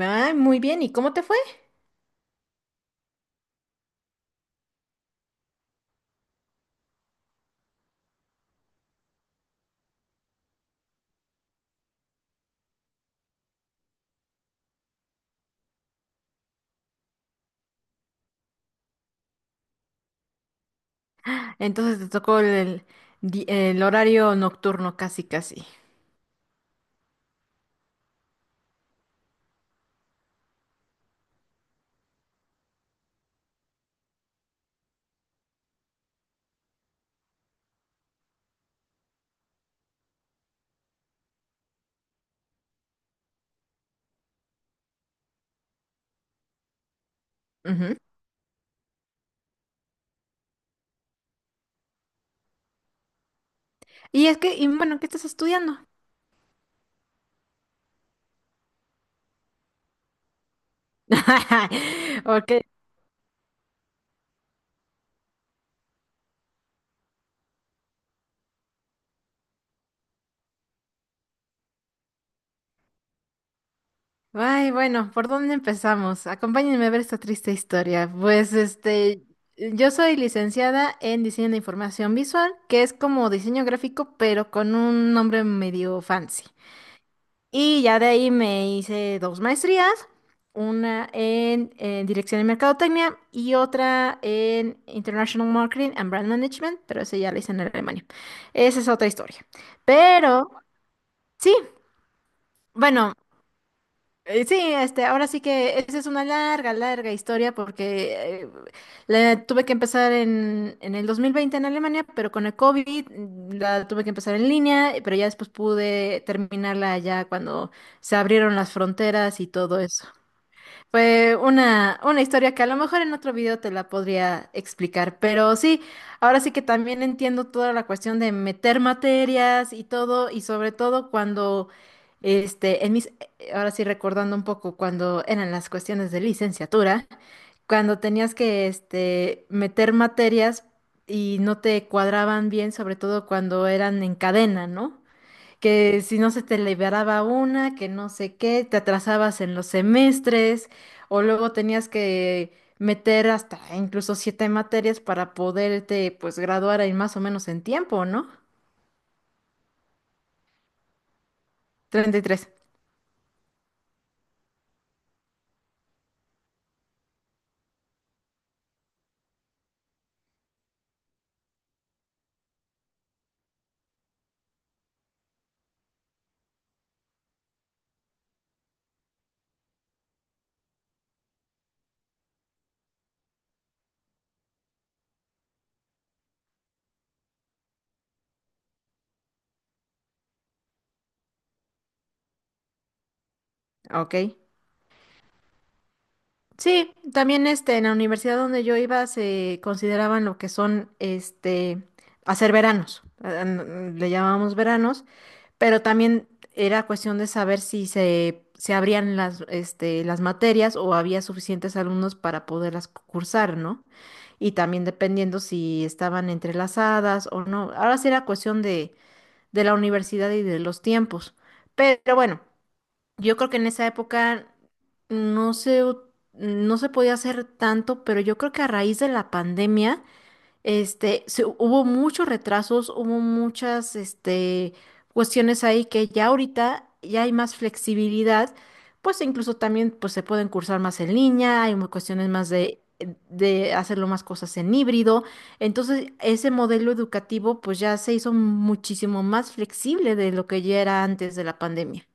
Ah, muy bien, ¿y cómo te fue? Entonces te tocó el el horario nocturno casi, casi. Ujú. Y es que, y bueno, ¿qué estás estudiando? Ok. Ay, bueno, ¿por dónde empezamos? Acompáñenme a ver esta triste historia. Pues este, yo soy licenciada en diseño de información visual, que es como diseño gráfico, pero con un nombre medio fancy. Y ya de ahí me hice dos maestrías, una en Dirección de Mercadotecnia y otra en International Marketing and Brand Management, pero esa ya la hice en Alemania. Esa es otra historia. Pero sí, bueno, sí, este, ahora sí que esa es una larga, larga historia porque la tuve que empezar en el 2020 en Alemania, pero con el COVID la tuve que empezar en línea, pero ya después pude terminarla ya cuando se abrieron las fronteras y todo eso. Fue una historia que a lo mejor en otro video te la podría explicar, pero sí, ahora sí que también entiendo toda la cuestión de meter materias y todo, y sobre todo cuando, este, en mis, ahora sí recordando un poco cuando eran las cuestiones de licenciatura, cuando tenías que, este, meter materias y no te cuadraban bien, sobre todo cuando eran en cadena, ¿no? Que si no se te liberaba una, que no sé qué, te atrasabas en los semestres, o luego tenías que meter hasta incluso siete materias para poderte pues graduar ahí más o menos en tiempo, ¿no? 33. Ok. Sí, también este, en la universidad donde yo iba se consideraban lo que son este, hacer veranos, le llamábamos veranos, pero también era cuestión de saber si se abrían las, este, las materias o había suficientes alumnos para poderlas cursar, ¿no? Y también dependiendo si estaban entrelazadas o no. Ahora sí era cuestión de la universidad y de los tiempos, pero bueno. Yo creo que en esa época no se, u- no se podía hacer tanto, pero yo creo que a raíz de la pandemia, este, hubo muchos retrasos, hubo muchas, este, cuestiones ahí que ya ahorita ya hay más flexibilidad, pues incluso también pues, se pueden cursar más en línea, hay cuestiones más de hacerlo más cosas en híbrido. Entonces, ese modelo educativo pues ya se hizo muchísimo más flexible de lo que ya era antes de la pandemia.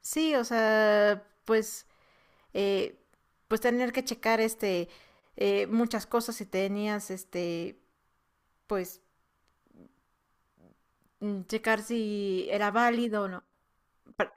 Sí, o sea, pues, eh, pues tener que checar este muchas cosas si tenías este, pues, checar si era válido o no. Pero-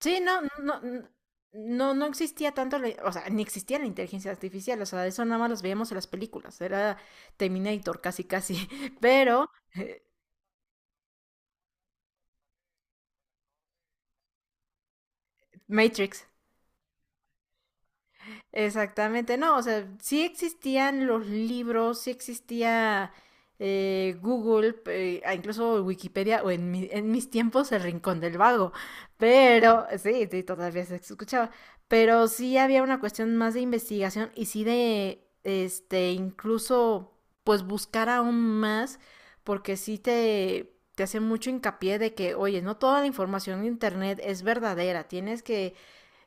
sí, no, no, no, no existía tanto, o sea, ni existía la inteligencia artificial, o sea, eso nada más los veíamos en las películas, era Terminator casi casi, pero Matrix. Exactamente, no, o sea, sí existían los libros, sí existía Google, ah, incluso Wikipedia, o en, en mis tiempos el Rincón del Vago, pero sí, sí, todavía se escuchaba, pero sí había una cuestión más de investigación y sí de, este, incluso, pues buscar aún más, porque sí te hace mucho hincapié de que, oye, no toda la información en Internet es verdadera, tienes que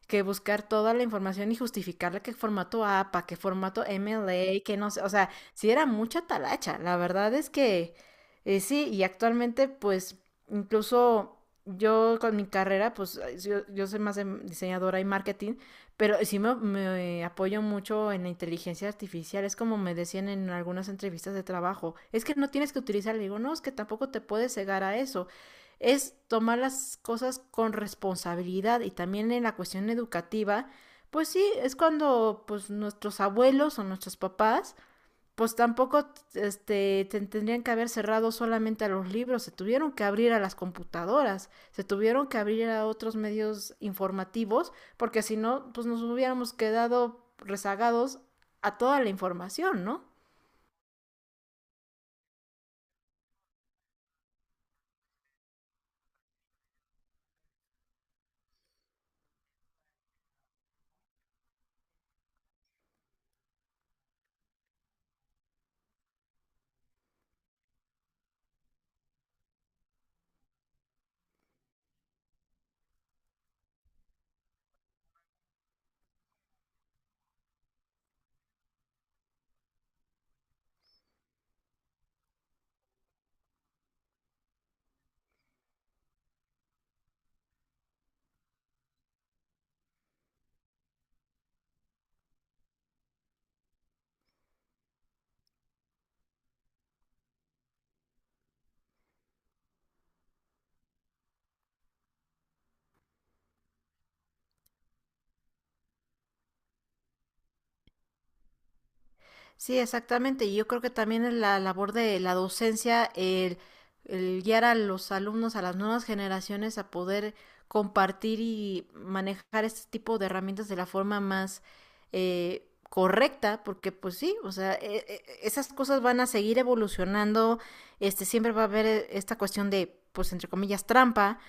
que buscar toda la información y justificarle qué formato APA, qué formato MLA, que no sé, o sea, sí era mucha talacha. La verdad es que sí, y actualmente pues incluso yo con mi carrera, pues yo soy más de diseñadora y marketing, pero sí me apoyo mucho en la inteligencia artificial. Es como me decían en algunas entrevistas de trabajo, es que no tienes que utilizar, le digo, no, es que tampoco te puedes cegar a eso es tomar las cosas con responsabilidad y también en la cuestión educativa, pues sí, es cuando pues nuestros abuelos o nuestros papás pues tampoco este, tendrían que haber cerrado solamente a los libros, se tuvieron que abrir a las computadoras, se tuvieron que abrir a otros medios informativos, porque si no, pues nos hubiéramos quedado rezagados a toda la información, ¿no? Sí, exactamente. Y yo creo que también es la labor de la docencia, el guiar a los alumnos, a las nuevas generaciones a poder compartir y manejar este tipo de herramientas de la forma más correcta, porque pues sí, o sea, esas cosas van a seguir evolucionando, este, siempre va a haber esta cuestión de, pues entre comillas, trampa,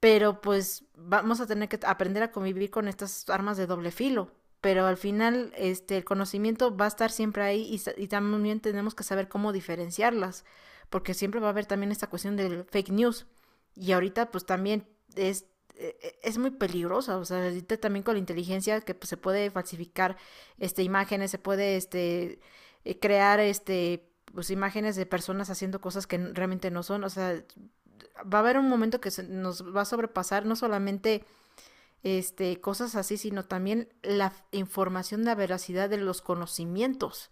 pero pues vamos a tener que aprender a convivir con estas armas de doble filo pero al final este, el conocimiento va a estar siempre ahí y también tenemos que saber cómo diferenciarlas, porque siempre va a haber también esta cuestión del fake news. Y ahorita pues también es, es muy peligrosa, o sea, ahorita también con la inteligencia que pues, se puede falsificar este, imágenes, se puede este, crear este, pues, imágenes de personas haciendo cosas que realmente no son, o sea, va a haber un momento que se nos va a sobrepasar no solamente este, cosas así, sino también la información la veracidad de los conocimientos.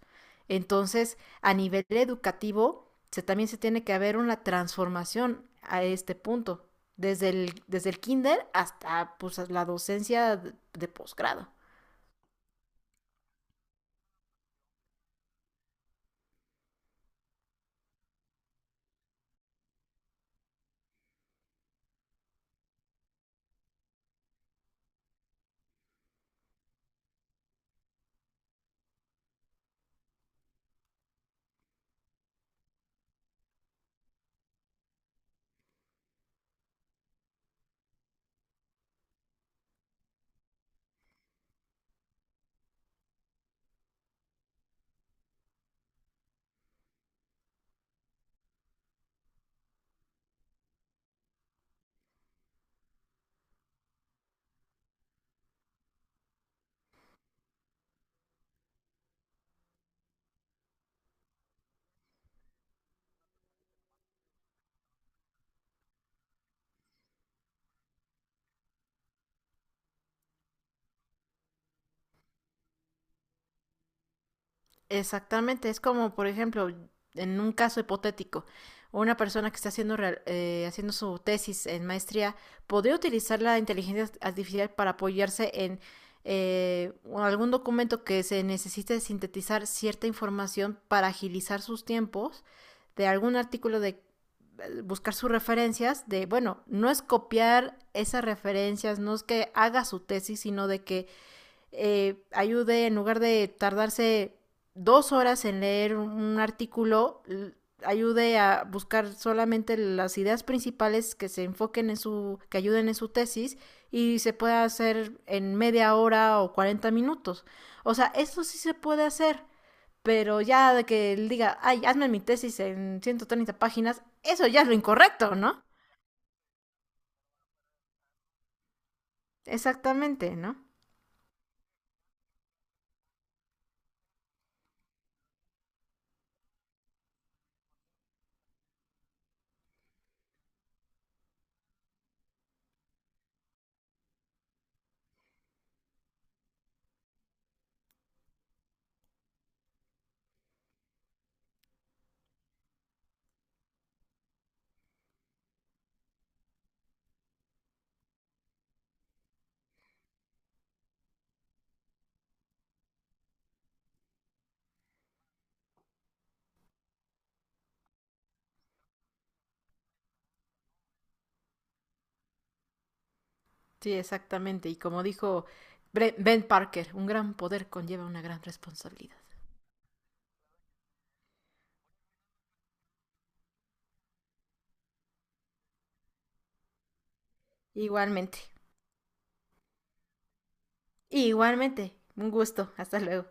Entonces, a nivel educativo, se, también se tiene que haber una transformación a este punto, desde el kinder hasta pues, la docencia de posgrado. Exactamente, es como, por ejemplo, en un caso hipotético, una persona que está haciendo, haciendo su tesis en maestría podría utilizar la inteligencia artificial para apoyarse en algún documento que se necesite sintetizar cierta información para agilizar sus tiempos de algún artículo de buscar sus referencias de bueno no es copiar esas referencias no es que haga su tesis sino de que ayude, en lugar de tardarse 2 horas en leer un, artículo, ayude a buscar solamente las ideas principales que se enfoquen en su, que ayuden en su tesis y se pueda hacer en media hora o 40 minutos. O sea, eso sí se puede hacer, pero ya de que él diga, ay, hazme mi tesis en 130 páginas, eso ya es lo incorrecto, ¿no? Exactamente, ¿no? Sí, exactamente. Y como dijo Ben Parker, un gran poder conlleva una gran responsabilidad. Igualmente. Igualmente. Un gusto. Hasta luego.